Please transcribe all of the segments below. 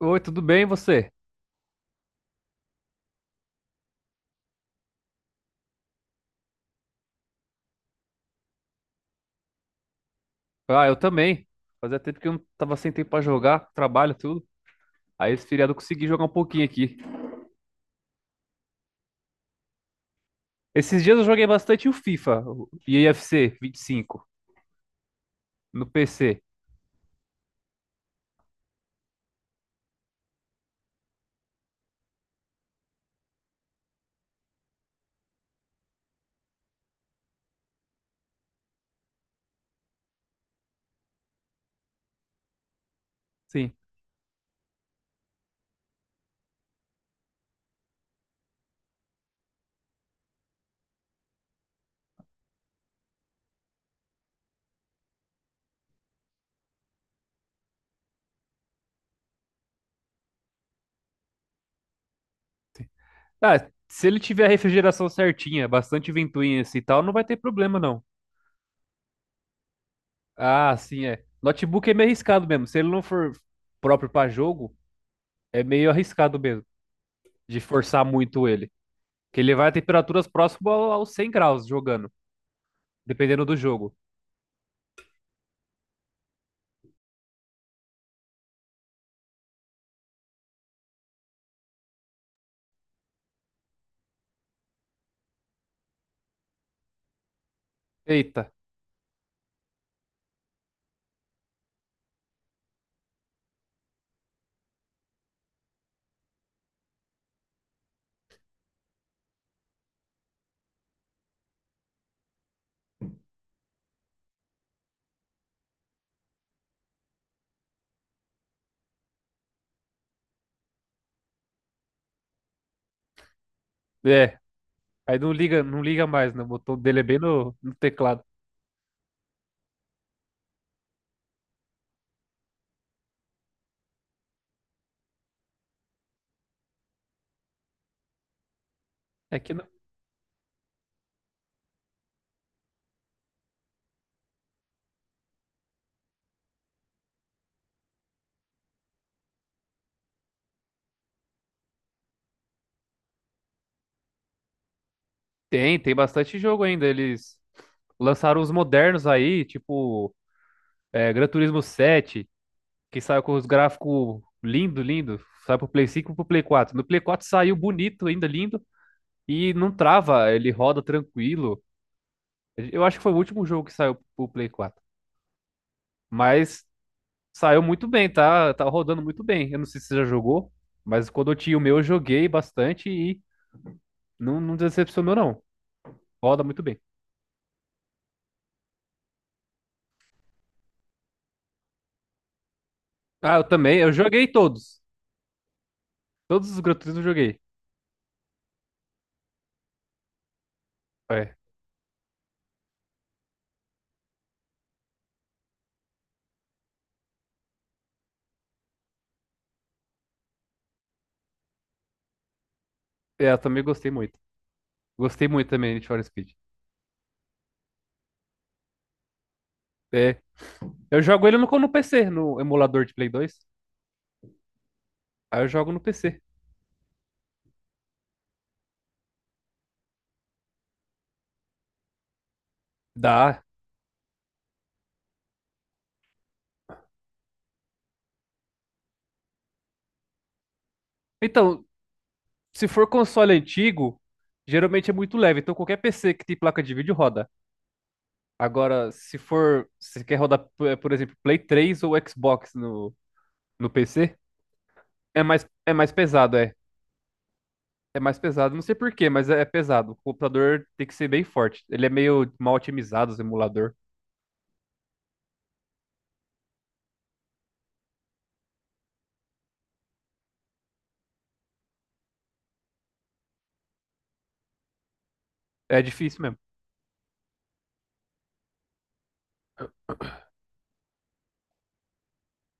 Oi, tudo bem, e você? Ah, eu também. Fazia tempo que eu não tava sem tempo pra jogar, trabalho, tudo. Aí esse feriado eu consegui jogar um pouquinho aqui. Esses dias eu joguei bastante o FIFA, o EFC 25, no PC. Sim. Ah, se ele tiver a refrigeração certinha, bastante ventoinha assim e tal, não vai ter problema não. Ah, sim, é. Notebook é meio arriscado mesmo. Se ele não for próprio pra jogo, é meio arriscado mesmo de forçar muito ele. Que ele vai a temperaturas próximas aos 100 graus jogando, dependendo do jogo. Eita. É, aí não liga, não liga mais, né? O botão dele é bem no teclado. É que não... Tem bastante jogo ainda. Eles lançaram os modernos aí, tipo Gran Turismo 7, que saiu com os gráficos lindo, lindo. Sai pro Play 5 e pro Play 4. No Play 4 saiu bonito, ainda lindo, e não trava, ele roda tranquilo. Eu acho que foi o último jogo que saiu pro Play 4. Mas saiu muito bem, tá? Tá rodando muito bem. Eu não sei se você já jogou, mas quando eu tinha o meu, eu joguei bastante e não, não decepcionou, não. Roda muito bem. Ah, eu também. Eu joguei todos. Todos os Gran Turismo eu joguei. É. É, eu também gostei muito. Gostei muito também de Need for Speed. É. Eu jogo ele no PC, no emulador de Play 2. Aí eu jogo no PC. Dá. Então, se for console antigo, geralmente é muito leve. Então, qualquer PC que tem placa de vídeo roda. Agora, se for. Se quer rodar, por exemplo, Play 3 ou Xbox no PC, é mais pesado, é. É mais pesado, não sei por quê, mas é pesado. O computador tem que ser bem forte. Ele é meio mal otimizado, o emulador. É difícil mesmo.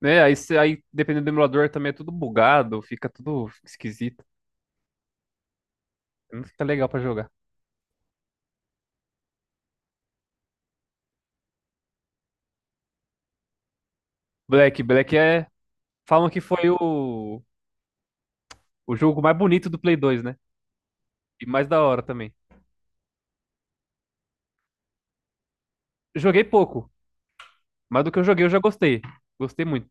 Né? Aí, aí, dependendo do emulador, também é tudo bugado, fica tudo esquisito. Não fica legal pra jogar. Black, Black é. Falam que foi o jogo mais bonito do Play 2, né? E mais da hora também. Joguei pouco, mas do que eu joguei eu já gostei. Gostei muito.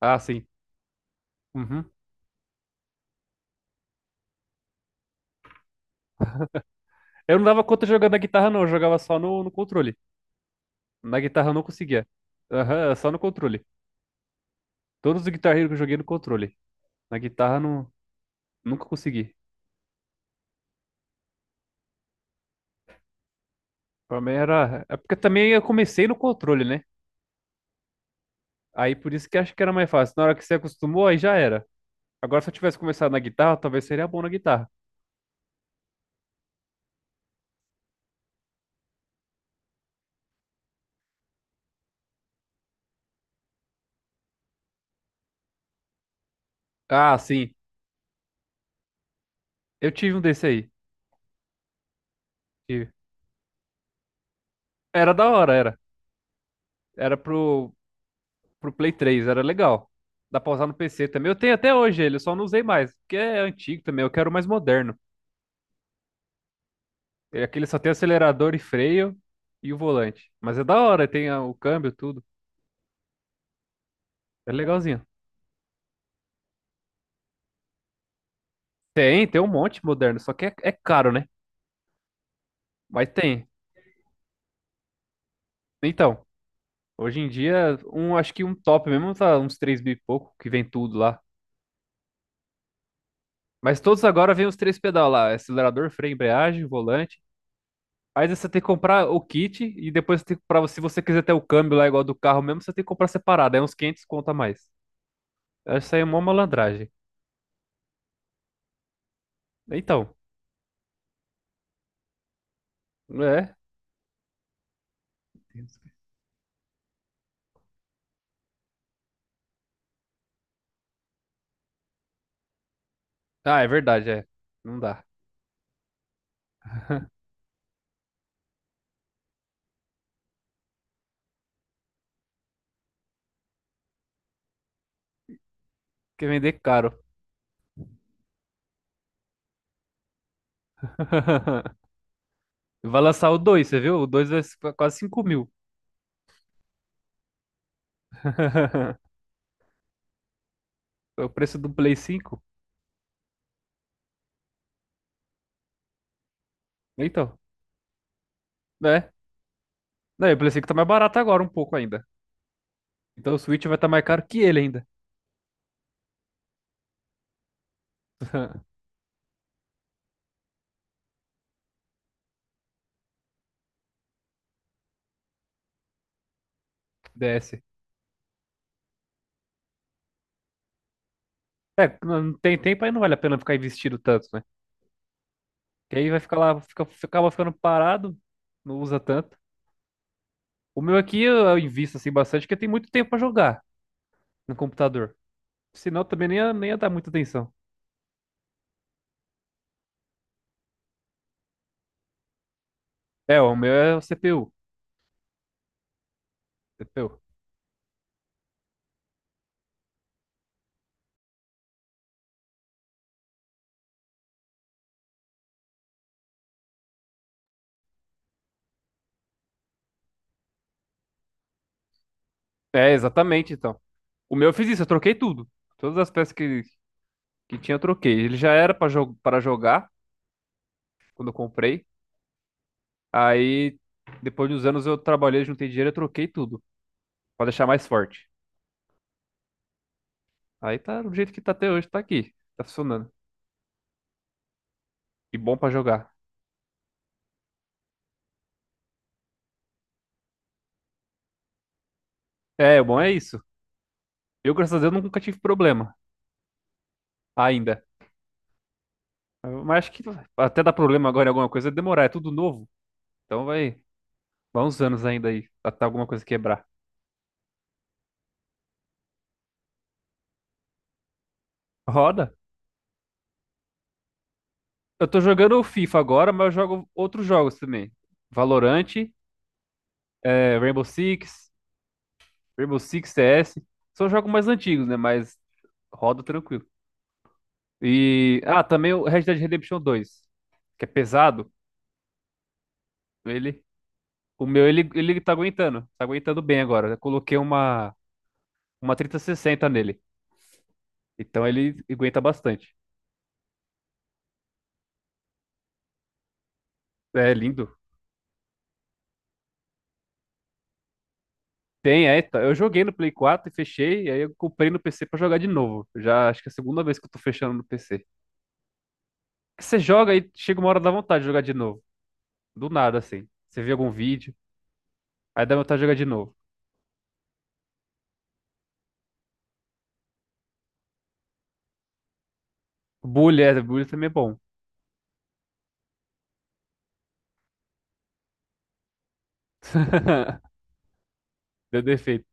Ah, sim. Uhum. Eu não dava conta jogando na guitarra, não. Eu jogava só no controle. Na guitarra eu não conseguia. Aham, só no controle. Todos os Guitar Hero que eu joguei no controle. Na guitarra não, nunca consegui. Pra mim era. É porque também eu comecei no controle, né? Aí por isso que acho que era mais fácil. Na hora que você acostumou, aí já era. Agora se eu tivesse começado na guitarra, talvez seria bom na guitarra. Ah, sim. Eu tive um desse aí. Tive. Era da hora, era. Era pro Play 3, era legal. Dá pra usar no PC também. Eu tenho até hoje ele, eu só não usei mais. Porque é antigo também, eu quero o mais moderno. É. Aquele só tem acelerador e freio e o volante. Mas é da hora, tem o câmbio, tudo. É legalzinho. Tem um monte moderno, só que é caro, né? Mas tem. Então, hoje em dia, um, acho que um top mesmo tá uns 3 mil e pouco, que vem tudo lá. Mas todos agora vem os três pedal lá, acelerador, freio, embreagem, volante. Aí você tem que comprar o kit e depois tem que comprar, se você quiser ter o câmbio lá igual do carro mesmo, você tem que comprar separado, é uns 500 conta a mais. Eu acho isso aí é uma malandragem. Então, é. Ah, é verdade, é. Não dá. Porque vender caro. Vai lançar o 2 você viu? O 2 vai quase 5 mil. O preço do Play 5. Então, né? Não, e o Play 5 tá mais barato agora um pouco ainda. Então o Switch vai estar mais caro que ele ainda. DS. É, não tem tempo aí não vale a pena ficar investindo tanto, né? Que aí vai ficar lá, acaba ficando parado, não usa tanto. O meu aqui eu invisto assim bastante, porque tem muito tempo pra jogar no computador. Senão também nem ia dar muita atenção. É, o meu é o CPU. CPU. É, exatamente, então. O meu eu fiz isso, eu troquei tudo. Todas as peças que tinha eu troquei. Ele já era pra jo para jogar, quando eu comprei. Aí, depois de uns anos, eu trabalhei, juntei dinheiro, eu troquei tudo pra deixar mais forte. Aí tá do jeito que tá até hoje, tá aqui. Tá funcionando. E bom pra jogar. É, o bom é isso. Eu, graças a Deus, nunca tive problema ainda. Mas acho que até dar problema agora em alguma coisa é demorar, é tudo novo. Então vai uns anos ainda aí, até alguma coisa quebrar. Roda. Eu tô jogando o FIFA agora, mas eu jogo outros jogos também. Valorant, Rainbow Six, Rainbow Six CS. São jogos mais antigos, né? Mas roda tranquilo. E. Ah, também o Red Dead Redemption 2, que é pesado. Ele. O meu, ele tá aguentando. Tá aguentando bem agora. Eu coloquei uma 3060 nele. Então ele aguenta bastante. É lindo. Tem, é. Tá. Eu joguei no Play 4 e fechei. E aí eu comprei no PC pra jogar de novo. Já acho que é a segunda vez que eu tô fechando no PC. Você joga e chega uma hora da vontade de jogar de novo. Do nada, assim. Você vê algum vídeo, aí dá vontade de jogar de novo. Bully, Bully também é bom. Deu defeito.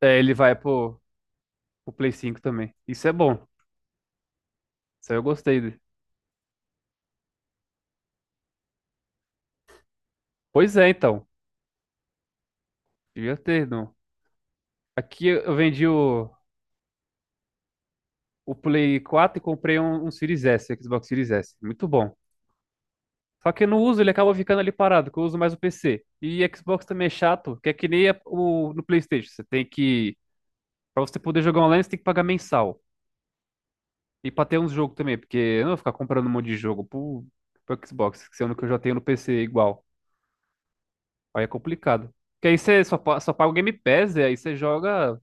É, ele vai, pô. O Play 5 também. Isso é bom. Isso aí eu gostei dele. Pois é, então. Devia ter, não. Aqui eu vendi o Play 4 e comprei um Series S, Xbox Series S. Muito bom. Só que eu não uso, ele acaba ficando ali parado, que eu uso mais o PC. E Xbox também é chato, que é que nem o, no PlayStation. Você tem que. Pra você poder jogar online, você tem que pagar mensal. E pra ter uns jogos também, porque eu não vou ficar comprando um monte de jogo pro Xbox, sendo que eu já tenho no PC igual. Aí é complicado. Porque aí você só, só paga o Game Pass, e aí você joga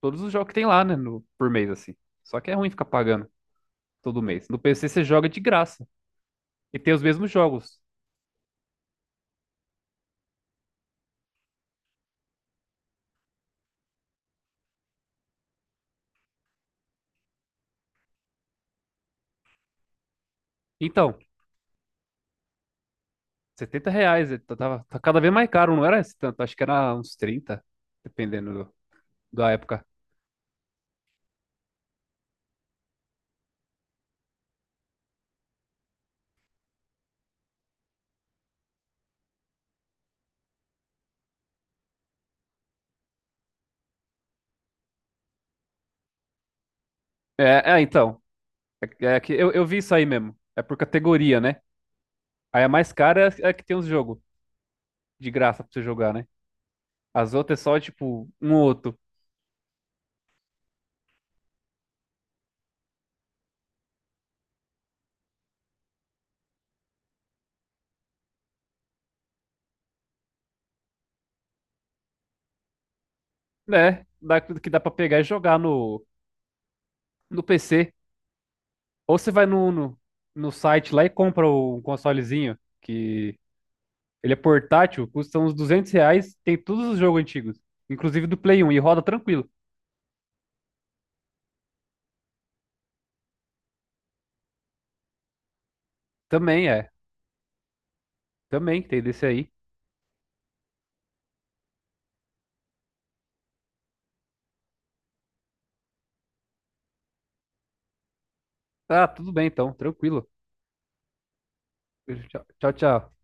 todos os jogos que tem lá, né? No, por mês, assim. Só que é ruim ficar pagando todo mês. No PC você joga de graça. E tem os mesmos jogos. Então, R$ 70. Tá, tá cada vez mais caro, não era esse tanto. Acho que era uns 30, dependendo da época. É, é, então. É, é que eu vi isso aí mesmo. É por categoria, né? Aí a mais cara é, é a que tem uns jogos de graça pra você jogar, né? As outras é só, tipo, um ou outro. Né? Dá, que dá pra pegar e jogar no PC. Ou você vai no site lá e compra um consolezinho, que ele é portátil, custa uns R$ 200, tem todos os jogos antigos, inclusive do Play 1, e roda tranquilo. Também é, também tem desse aí. Ah, tudo bem então, tranquilo. Tchau, tchau. Tchau.